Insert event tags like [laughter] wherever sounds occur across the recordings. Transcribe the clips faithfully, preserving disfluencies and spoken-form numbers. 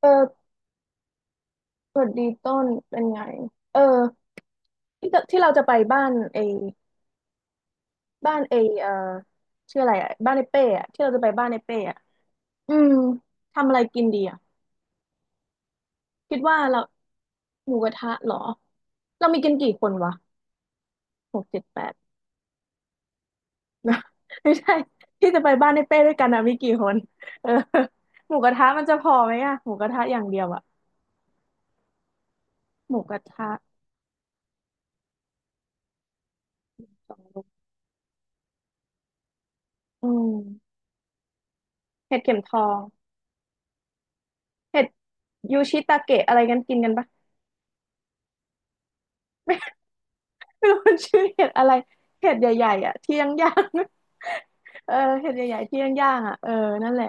เออสวัสดีต้นเป็นไงเออที่จะที่เราจะไปบ้านเอบ้านเอเออชื่ออะไรอะบ้านไอเป้อะที่เราจะไปบ้านไอเป้อะอืมทำอะไรกินดีอะคิดว่าเราหมูกระทะเหรอเรามีกันกี่คนวะหกเจ็ดแปด [laughs] ไม่ใช่ที่จะไปบ้านไอเป้ด้วยกันอะมีกี่คนเออหมูกระทะมันจะพอไหมอะหมูกระทะอย่างเดียวอะหมูกระทะสองลูกอืมเห็ดเข็มทองเห็ดยูชิตาเกะอะไรกันกินกันปะ เป็นคนชื่อเห็ดอะไรเห็ดใหญ่ๆอ่ะที่ย่างย่าง [laughs] เออเห็ดใหญ่ๆที่ย่างย่างอ่ะเออนั่นแหละ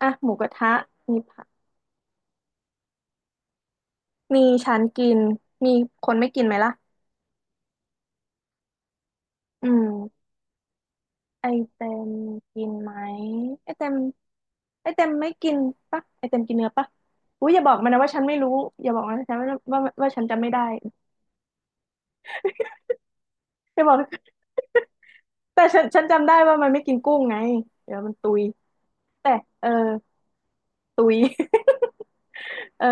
อ่ะหมูกระทะมีผักมีฉันกินมีคนไม่กินไหมล่ะอืมไอเต็มกินไหมไอเต็มไอเต็มไม่กินปะไอเต็มกินเนื้อปะอุ้ยอย่าบอกมันนะว่าฉันไม่รู้อย่าบอกมันนะฉันว่าว่าว่าฉันจำไม่ได้อย่าบอก [laughs] แต่ฉันฉันจำได้ว่ามันไม่กินกุ้งไงเดี๋ยวมันตุยแต่เออ ตุย [laughs] เออ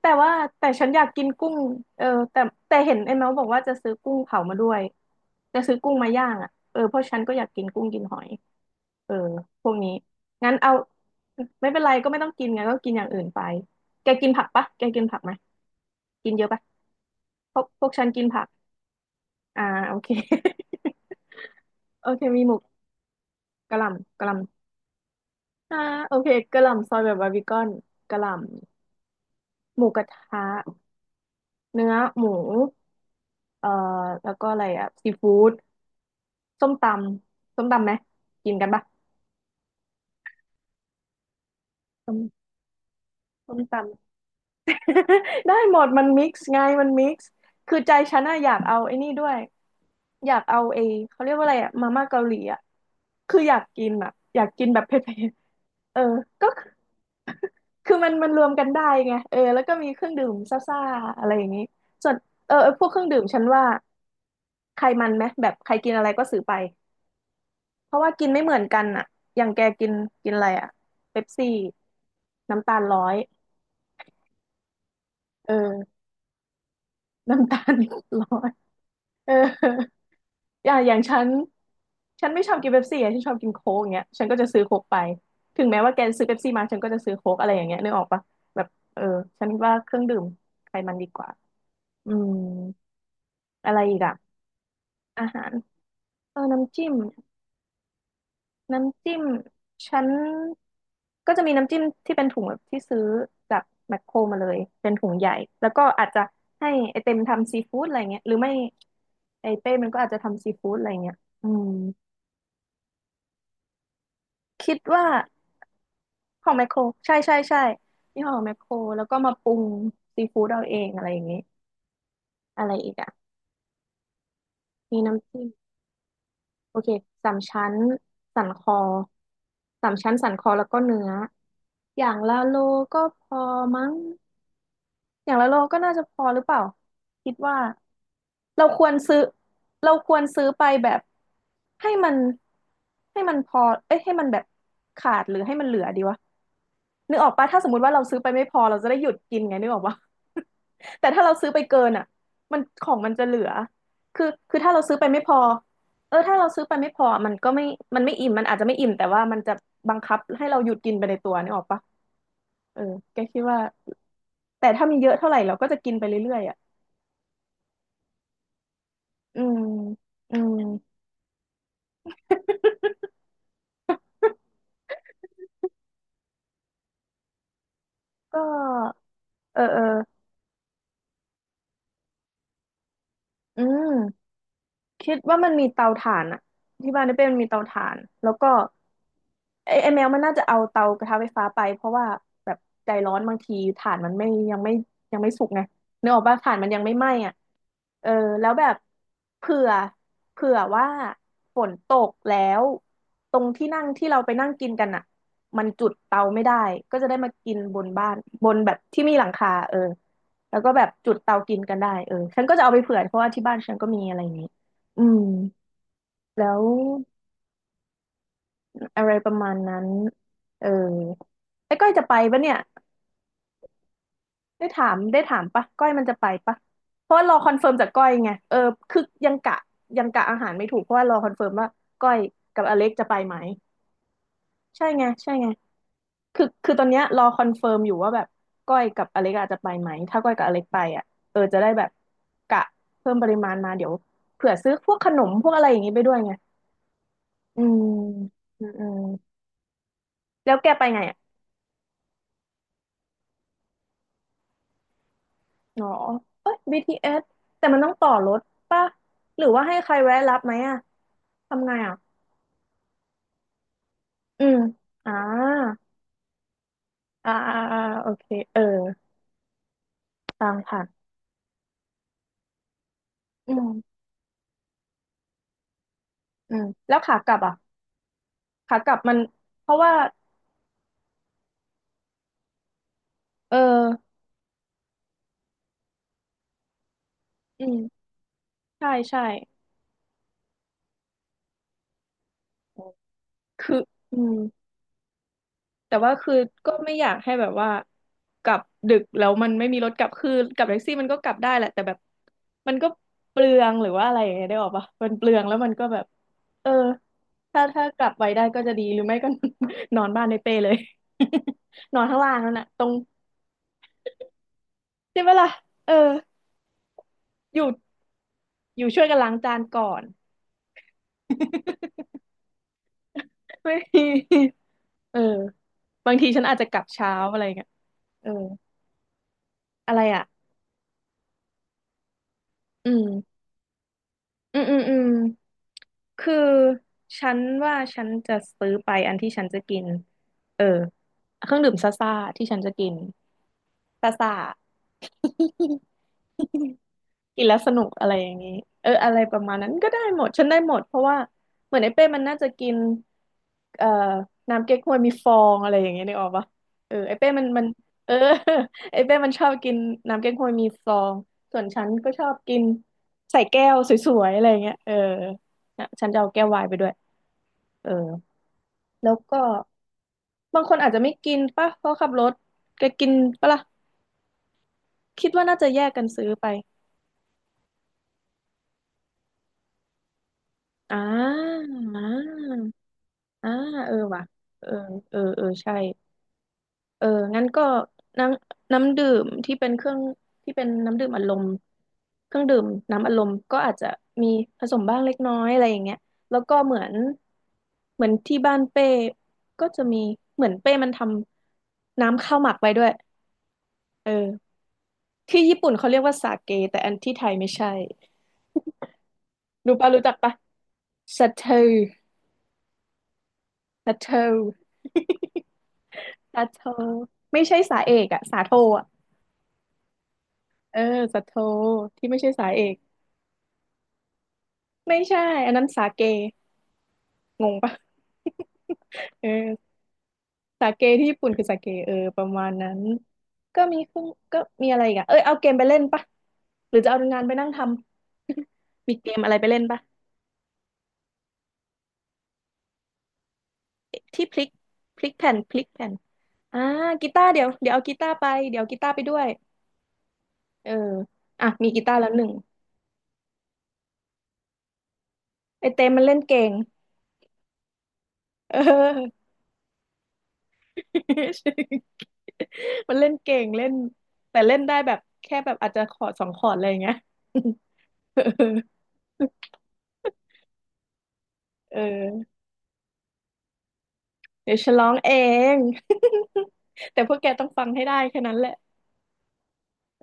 แต่ว่าแต่ฉันอยากกินกุ้งเออแต่แต่เห็นไอ้เมาส์บอกว่าจะซื้อกุ้งเผามาด้วยจะซื้อกุ้งมาย่างอ่ะเออเพราะฉันก็อยากกินกุ้งกินหอย เออพวกนี้งั้นเอาไม่เป็นไรก็ไม่ต้องกินไงก็กินอย่างอื่นไป แกกินผักปะแกกินผักไหมกินเยอะปะพวกพวกฉันกินผักอ่าโอเค [laughs] โอเคมีหมูกะหล่ำกะหล่ำอ่าโอเคกะหล่ำซอยแบบบาร์บีคอนกะหล่ำหมูกระทะเนื้อหมู เอ่อแล้วก็อะไรอ่ะซีฟู้ดส้มตำส้มตำไหมกินกันปะส้มส้มตำ [laughs] ได้หมดมันมิกซ์ไงมันมิกซ์คือใจฉันอะอยากเอาไอ้นี่ด้วยอยากเอาไอ้เขาเรียกว่าอะไรอะมาม่าเกาหลีอะคืออยากกินอะอยากกินแบบเผ็ดๆเออก็ [laughs] คือคือมันมันรวมกันได้ไงเออแล้วก็มีเครื่องดื่มซ่าๆอะไรอย่างนี้ส่วนเออพวกเครื่องดื่มฉันว่าใครมันไหมแบบใครกินอะไรก็ซื้อไป เพราะว่ากินไม่เหมือนกันอะอย่างแกกินกินอะไรอะเป๊ปซี่น้ำตาลร้อยเออน้ำตาลร้อยเอออย่างอย่างฉันฉันไม่ชอบกินเป๊ปซี่อะฉันชอบกินโค้กอย่างเงี้ยฉันก็จะซื้อโค้กไปถึงแม้ว่าแกซื้อเป๊ปซี่มาฉันก็จะซื้อโค้กอะไรอย่างเงี้ยนึกออกปะแบบเออฉันว่าเครื่องดื่มไขมันดีกว่าอืมอะไรอีกอะอาหารเออน้ำจิ้ม น้ำจิ้มฉันก็จะมีน้ำจิ้มที่เป็นถุงแบบที่ซื้อจากแมคโครมาเลยเป็นถุงใหญ่แล้วก็อาจจะให้ไอเต็มทำซีฟู้ดอะไรเงี้ยหรือไม่ไอเป้มันก็อาจจะทำซีฟู้ดอะไรเงี้ยอืมคิดว่าของแมคโครใช่ใช่ใช่ยี่ห้อของแมคโครแล้วก็มาปรุงซีฟู้ดเอาเองอะไรอย่างเงี้อะไรอีกอ่ะมีน้ำจิ้มโอเคสามชั้นสันคอสามชั้นสันคอแล้วก็เนื้ออย่างละโลก็พอมั้ง อย่างละโลก็น่าจะพอหรือเปล่าคิดว่าเราควรซื้อเราควรซื้อไปแบบให้มันให้มันพอเอ้ยให้มันแบบขาดหรือให้มันเหลือดีวะนึกออกปะถ้าสมมติว่าเราซื้อไปไม่พอเราจะได้หยุดกินไงนึกออกปะ [laughs] แต่ถ้าเราซื้อไปเกินอ่ะมันของมันจะเหลือคือคือถ้าเราซื้อไปไม่พอเออถ้าเราซื้อไปไม่พอมันก็ไม่มันไม่อิ่มมันอาจจะไม่อิ่มแต่ว่ามันจะบังคับให้เราหยุดกินไปในตัวนึกออกปะเออแกคิดว่าแต่ถ้ามีเยอะเท่าไหร่เราก็จะกินไปเรื่อยๆอ่ะ อืม อืมก็เออเอออืม คิดว่ามันมีเตาถ่านอะที่บ้านได้เป็นมีเตาถ่านแล้วก็ไอ้ไอแมวมันน่าจะเอาเตากระทะไฟฟ้าไปเพราะว่าแบบใจร้อนบางทีถ่านมันไม่ยังไม่ยังไม่สุกไงนึกออกป่ะถ่านมันยังไม่ไหม้อะเออแล้วแบบเผื่อเผื่อว่าฝนตกแล้วตรงที่นั่งที่เราไปนั่งกินกันอะมันจุดเตาไม่ได้ก็จะได้มากินบนบ้านบนแบบที่มีหลังคาเออแล้วก็แบบจุดเตากินกันได้เออฉันก็จะเอาไปเผื่อเพราะว่าที่บ้านฉันก็มีอะไรอย่างนี้ อืมแล้วอะไรประมาณนั้นเออไอ้ก้อยจะไปปะเนี่ยได้ถามได้ถามปะก้อยมันจะไปปะเพราะว่ารอคอนเฟิร์มจากก้อยไงเออคือยังกะยังกะอาหารไม่ถูกเพราะว่ารอคอนเฟิร์มว่าก้อยกับอเล็กจะไปไหมใช่ไงใช่ไงคือคือตอนเนี้ยรอคอนเฟิร์มอยู่ว่าแบบก้อยกับอเล็กอาจจะไปไหมถ้าก้อยกับอเล็กไปอ่ะเออจะได้แบบกะเพิ่มปริมาณมาเดี๋ยวเผื่อซื้อพวกขนมพวกอะไรอย่างงี้ไปด้วยไงอืมอืมอืมแล้วแกไปไง อ๋อเอ้ย บี ที เอส แต่มันต้องต่อรถป่ะ หรือว่าให้ใครแวะรับไหมอ่ะทำไงอ่ะอืมอ่าอ่า อ่า อ่า โอเค เออตามผ่ะอืมอืม แล้วขากลับอ่ะขากลับมัน เพราะว่าเอออืม ใช่ใช่คืออืม แต่ว่าคือก็ไม่อยากให้แบบว่ากลับดึกแล้วมันไม่มีรถกลับคือกลับแท็กซี่มันก็กลับได้แหละแต่แบบมันก็เปลืองหรือว่าอะไรอย่างเงี้ยได้ออกปะมันเปลืองแล้วมันก็แบบเออถ้าถ้ากลับไปได้ก็จะดีหรือไม่ก็ [laughs] นอนบ้านในเป้เลย [laughs] นอนข้างล่างนั่นแหละตรงใช่ไหมล่ะเอออยู่อยู่ช่วยกันล้างจานก่อน [laughs] ไม่มีเออบางทีฉันอาจจะกลับเช้าอะไรเงี้ยเอออะไรอ่ะอืมอืมอืมอืม คือฉันว่าฉันจะซื้อไปอันที่ฉันจะกินเออเครื่องดื่มซ่าซ่าที่ฉันจะกินซ่าซ่า [laughs] กินแล้วสนุกอะไรอย่างนี้เอออะไรประมาณนั้นก็ได้หมดฉันได้หมดเพราะว่าเหมือนไอ้เป้มันน่าจะกินเอ่อน้ำเก๊กฮวยมีฟองอะไรอย่างเงี้ยนึกออกปะเออไอ้เป้มันมันเออ [laughs] ไอ้เป้มันชอบกินน้ำเก๊กฮวยมีฟองส่วนฉันก็ชอบกินใส่แก้วสวยๆอะไรอย่างเงี้ยเออนะฉันจะเอาแก้วไวน์ไปด้วยเออ แล้วก็บางคนอาจจะไม่กินป่ะเพราะขับรถแกกินป่ะล่ะคิดว่าน่าจะแยกกันซื้อไปอ่าอ่าอ่าเออว่ะเออเออเออใช่เอองั้นก็น้ำน้ำดื่มที่เป็นเครื่องที่เป็นน้ำดื่มอารมณ์เครื่องดื่มน้ำอารมณ์ก็อาจจะมีผสมบ้างเล็กน้อยอะไรอย่างเงี้ยแล้วก็เหมือนเหมือนที่บ้านเป้ก็จะมีเหมือนเป้มันทำน้ำข้าวหมักไว้ด้วยเออ ที่ญี่ปุ่นเขาเรียกว่าสาเกแต่อันที่ไทยไม่ใช่รู้ปะรู้จักปะสาเทสาเทสาโท [laughs] ไม่ใช่สาเอกอะสาโทอะเออสาโทที่ไม่ใช่สาเอกไม่ใช่อันนั้นสาเกงงปะ [laughs] เออสาเกที่ญี่ปุ่นคือสาเกเออประมาณนั้นก็มีเครื่องก็มีอะไรอีกอะเอยเอาเกมไปเล่นปะหรือจะเอางานไปนั่งทำ [laughs] มีเกมอะไรไปเล่นปะที่พลิกพลิกแผ่นพลิกแผ่น อ่ากีตาร์เดี๋ยวเดี๋ยวเอากีตาร์ไปเดี๋ยวเอากีตาร์ไปด้วยเอออ่ะมีกีตาร์แล้วหนึ่งไอเต้มันเล่นเก่งเออ [laughs] มันเล่นเก่งเล่นแต่เล่นได้แบบแค่แบบอาจจะขอร์ดสองขอร์ดอะไรอย่างเงี้ย [laughs] เออเออเดี๋ยวฉันร้องเอง [laughs] แต่พวกแกต้องฟังให้ได้แค่นั้นแหละ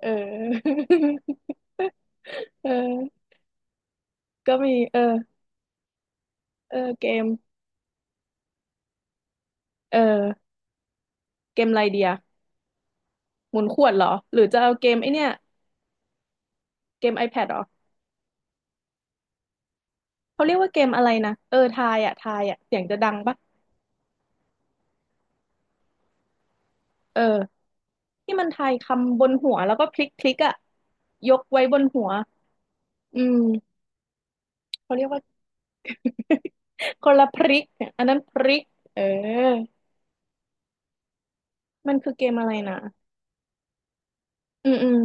เออ [laughs] เออก็มีเออเออเกมเออเกมอะไรเดียหมุนขวดเหรอหรือจะเอาเกมไอเนี้ยเกม ไอแพด เหรอ เขาเรียกว่าเกมอะไรนะเออทายอ่ะทายอ่ะเสียงจะดังปะเออที่มันทายคำบนหัวแล้วก็พลิกพลิกอ่ะยกไว้บนหัวอืมเขาเรียกว่า [laughs] คนละพริกเนี่ยอันนั้นพริกเออมันคือเกมอะไรนะอืมอืม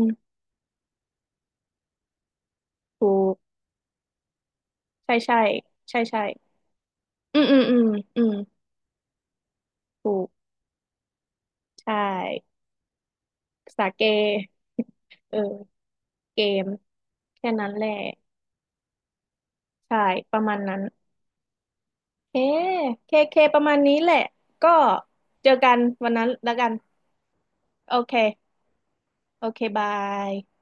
ถูกใช่ใช่ใช่ใช่อืมอืมอืมอืมถูกใช่ภาษาเกเออเกมแค่นั้นแหละใช่ประมาณนั้นเคเคเคประมาณนี้แหละก็เจอกันวันนั้นแล้วกัน โอเค โอเคบาย